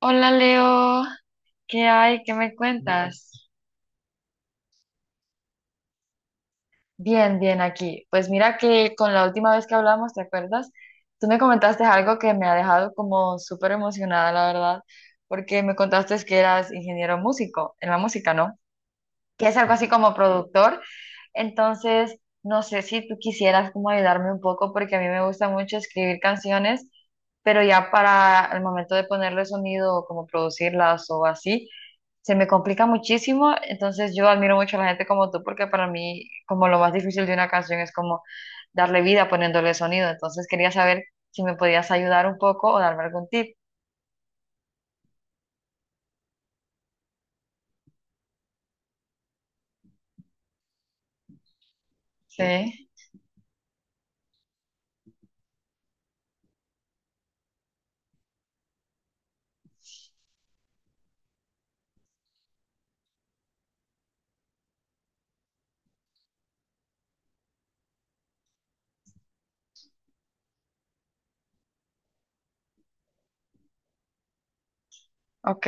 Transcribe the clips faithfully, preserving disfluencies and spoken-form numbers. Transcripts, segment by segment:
Hola Leo, ¿qué hay? ¿Qué me cuentas? Bien, bien aquí. Pues mira que con la última vez que hablamos, ¿te acuerdas? Tú me comentaste algo que me ha dejado como súper emocionada, la verdad, porque me contaste que eras ingeniero músico en la música, ¿no? Que es algo así como productor. Entonces, no sé si tú quisieras como ayudarme un poco, porque a mí me gusta mucho escribir canciones, pero ya para el momento de ponerle sonido o como producirlas o así. Se me complica muchísimo, entonces yo admiro mucho a la gente como tú, porque para mí como lo más difícil de una canción es como darle vida poniéndole sonido, entonces quería saber si me podías ayudar un poco o darme algún tip. Sí, ok,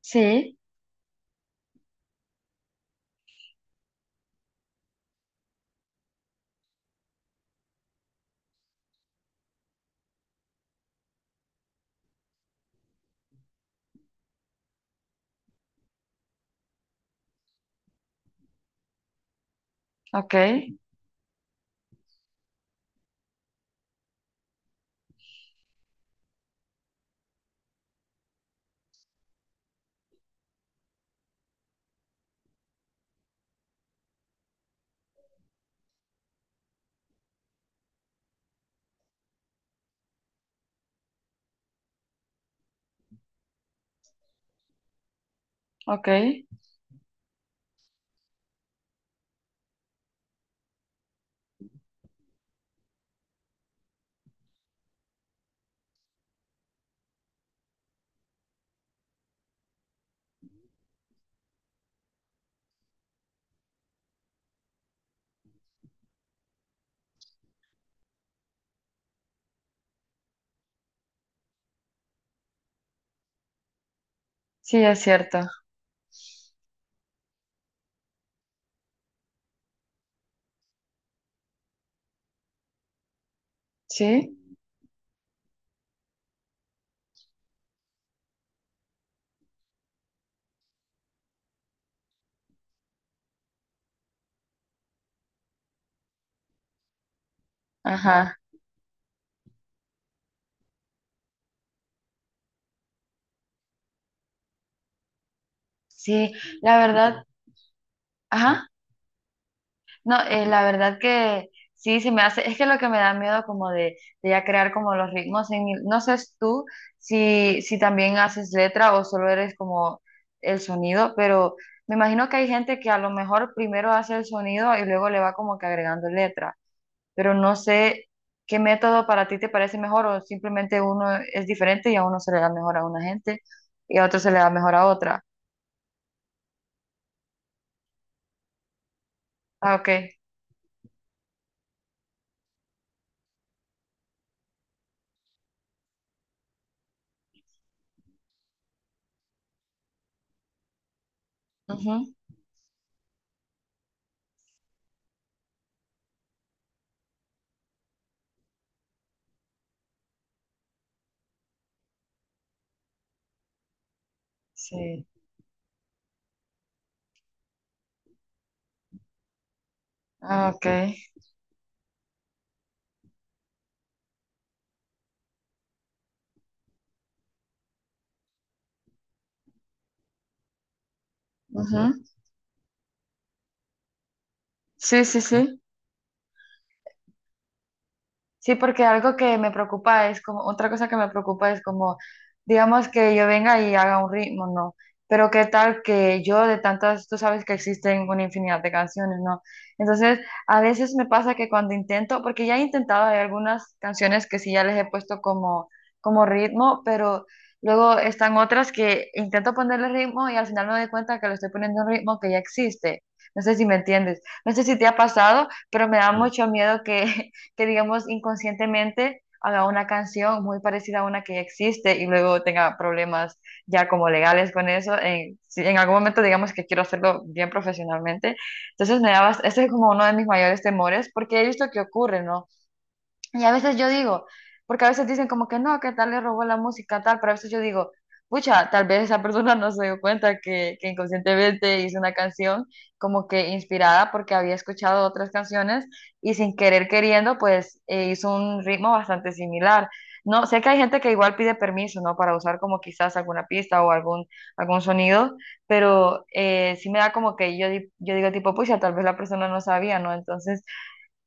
sí, ok, ok, sí, es cierto, sí, ajá, sí, la verdad, ajá. No, eh, la verdad que sí, sí me hace, es que lo que me da miedo como de, de, ya crear como los ritmos, en, el- no sé si tú si, si también haces letra o solo eres como el sonido, pero me imagino que hay gente que a lo mejor primero hace el sonido y luego le va como que agregando letra, pero no sé qué método para ti te parece mejor o simplemente uno es diferente y a uno se le da mejor a una gente y a otro se le da mejor a otra. Ah, ok. Ujú. Sí. Ah, ok. Ujú. Sí, sí, sí. Sí, porque algo que me preocupa es como, otra cosa que me preocupa es como, digamos que yo venga y haga un ritmo, ¿no? Pero qué tal que yo de tantas, tú sabes que existen una infinidad de canciones, ¿no? Entonces, a veces me pasa que cuando intento, porque ya he intentado, hay algunas canciones que sí ya les he puesto como, como, ritmo, pero luego están otras que intento ponerle ritmo y al final me doy cuenta que le estoy poniendo un ritmo que ya existe. No sé si me entiendes. No sé si te ha pasado, pero me da mucho miedo que que digamos inconscientemente haga una canción muy parecida a una que ya existe y luego tenga problemas ya como legales con eso. En, si en algún momento digamos que quiero hacerlo bien profesionalmente, entonces me daba, ese es como uno de mis mayores temores porque he visto que ocurre, ¿no? Y a veces yo digo, porque a veces dicen como que no, que tal le robó la música, tal, pero a veces yo digo, pucha, tal vez esa persona no se dio cuenta que, que, inconscientemente hizo una canción como que inspirada porque había escuchado otras canciones y sin querer queriendo, pues eh, hizo un ritmo bastante similar. No, sé que hay gente que igual pide permiso, ¿no? Para usar como quizás alguna pista o algún, algún sonido, pero eh, sí me da como que yo, di- yo digo tipo, pucha, tal vez la persona no sabía, ¿no? Entonces...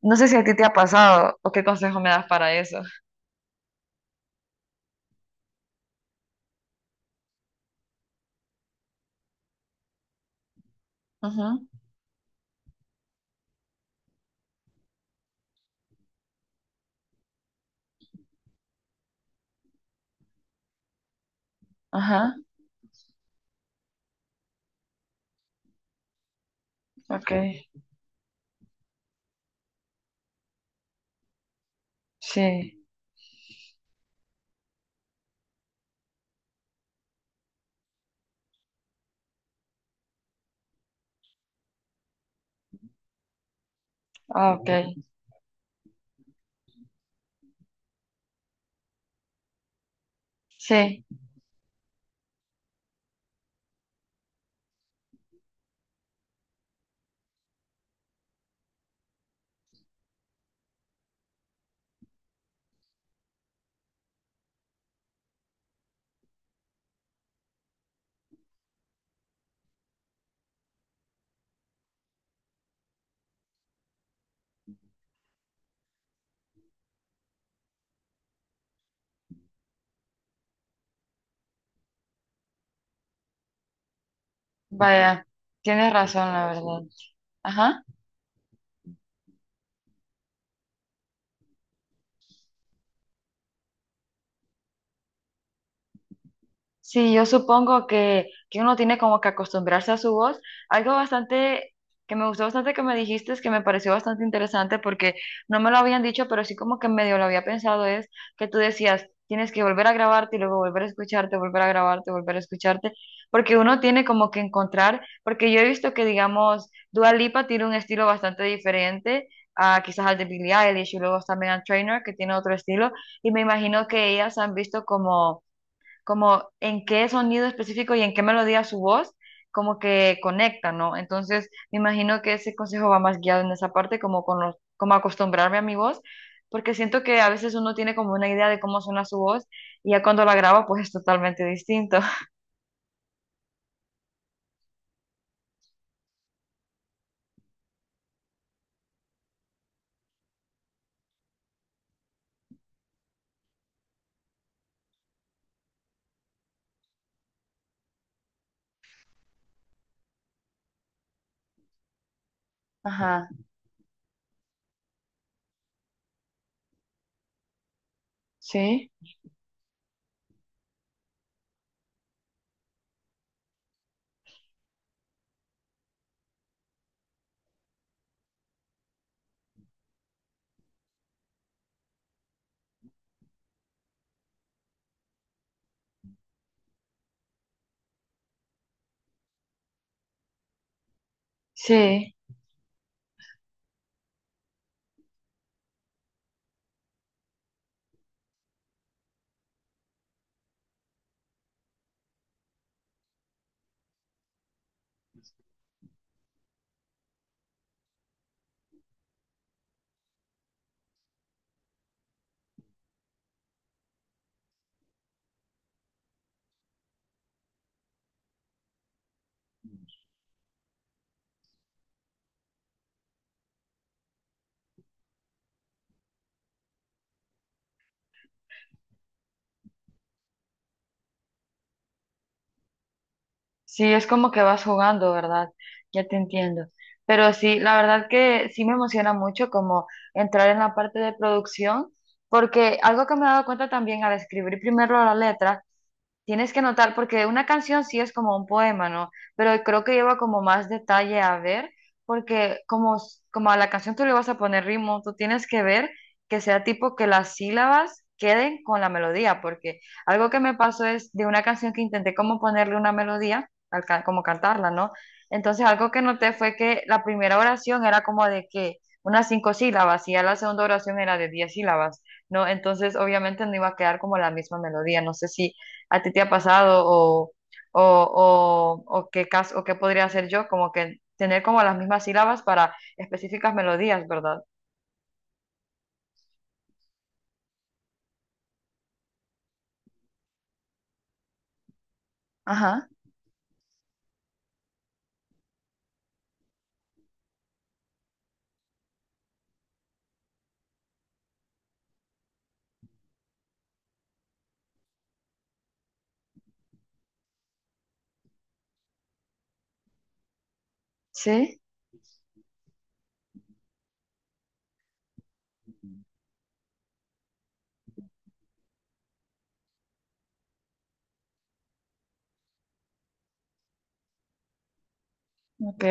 No sé si a ti te ha pasado o qué consejo me das para eso. Ujú, ajá, ok. Sí, ah, ok. Sí, vaya, tienes razón, la verdad. Ajá. Sí, yo supongo que, que uno tiene como que acostumbrarse a su voz. Algo bastante que me gustó bastante que me dijiste, es que me pareció bastante interesante porque no me lo habían dicho, pero sí como que medio lo había pensado, es que tú decías, tienes que volver a grabarte y luego volver a escucharte, volver a grabarte, volver a escucharte, porque uno tiene como que encontrar, porque yo he visto que, digamos, Dua Lipa tiene un estilo bastante diferente, a quizás al de Billie Eilish, y luego está Megan Trainor que tiene otro estilo y me imagino que ellas han visto como como en qué sonido específico y en qué melodía su voz, como que conecta, ¿no? Entonces, me imagino que ese consejo va más guiado en esa parte, como con los, como acostumbrarme a mi voz, porque siento que a veces uno tiene como una idea de cómo suena su voz y ya cuando la graba, pues es totalmente distinto. Ajá, sí, sí. Sí, es como que vas jugando, ¿verdad? Ya te entiendo. Pero sí, la verdad que sí me emociona mucho como entrar en la parte de producción, porque algo que me he dado cuenta también al escribir primero la letra. Tienes que notar porque una canción sí es como un poema, ¿no? Pero creo que lleva como más detalle a ver, porque como, s- como a la canción tú le vas a poner ritmo, tú tienes que ver que sea tipo que las sílabas queden con la melodía, porque algo que me pasó es de una canción que intenté como ponerle una melodía, al ca- como cantarla, ¿no? Entonces algo que noté fue que la primera oración era como de que unas cinco sílabas y ya la segunda oración era de diez sílabas, ¿no? Entonces obviamente no iba a quedar como la misma melodía, no sé si a ti te ha pasado o, o, o, o qué caso, o qué podría hacer yo, como que tener como las mismas sílabas para específicas melodías, ¿verdad? Ajá, sí, ok,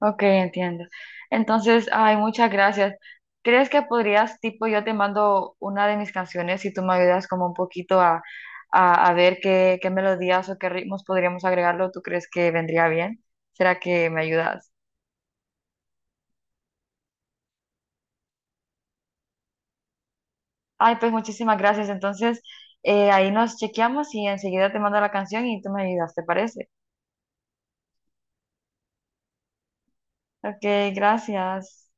ok, entiendo. Entonces, ay, muchas gracias. ¿Crees que podrías, tipo, yo te mando una de mis canciones y tú me ayudas como un poquito a, a, a ver qué, qué, melodías o qué ritmos podríamos agregarlo? ¿Tú crees que vendría bien? ¿Será que me ayudas? Ay, pues muchísimas gracias. Entonces, eh, ahí nos chequeamos y enseguida te mando la canción y tú me ayudas, ¿te parece? Ok, gracias.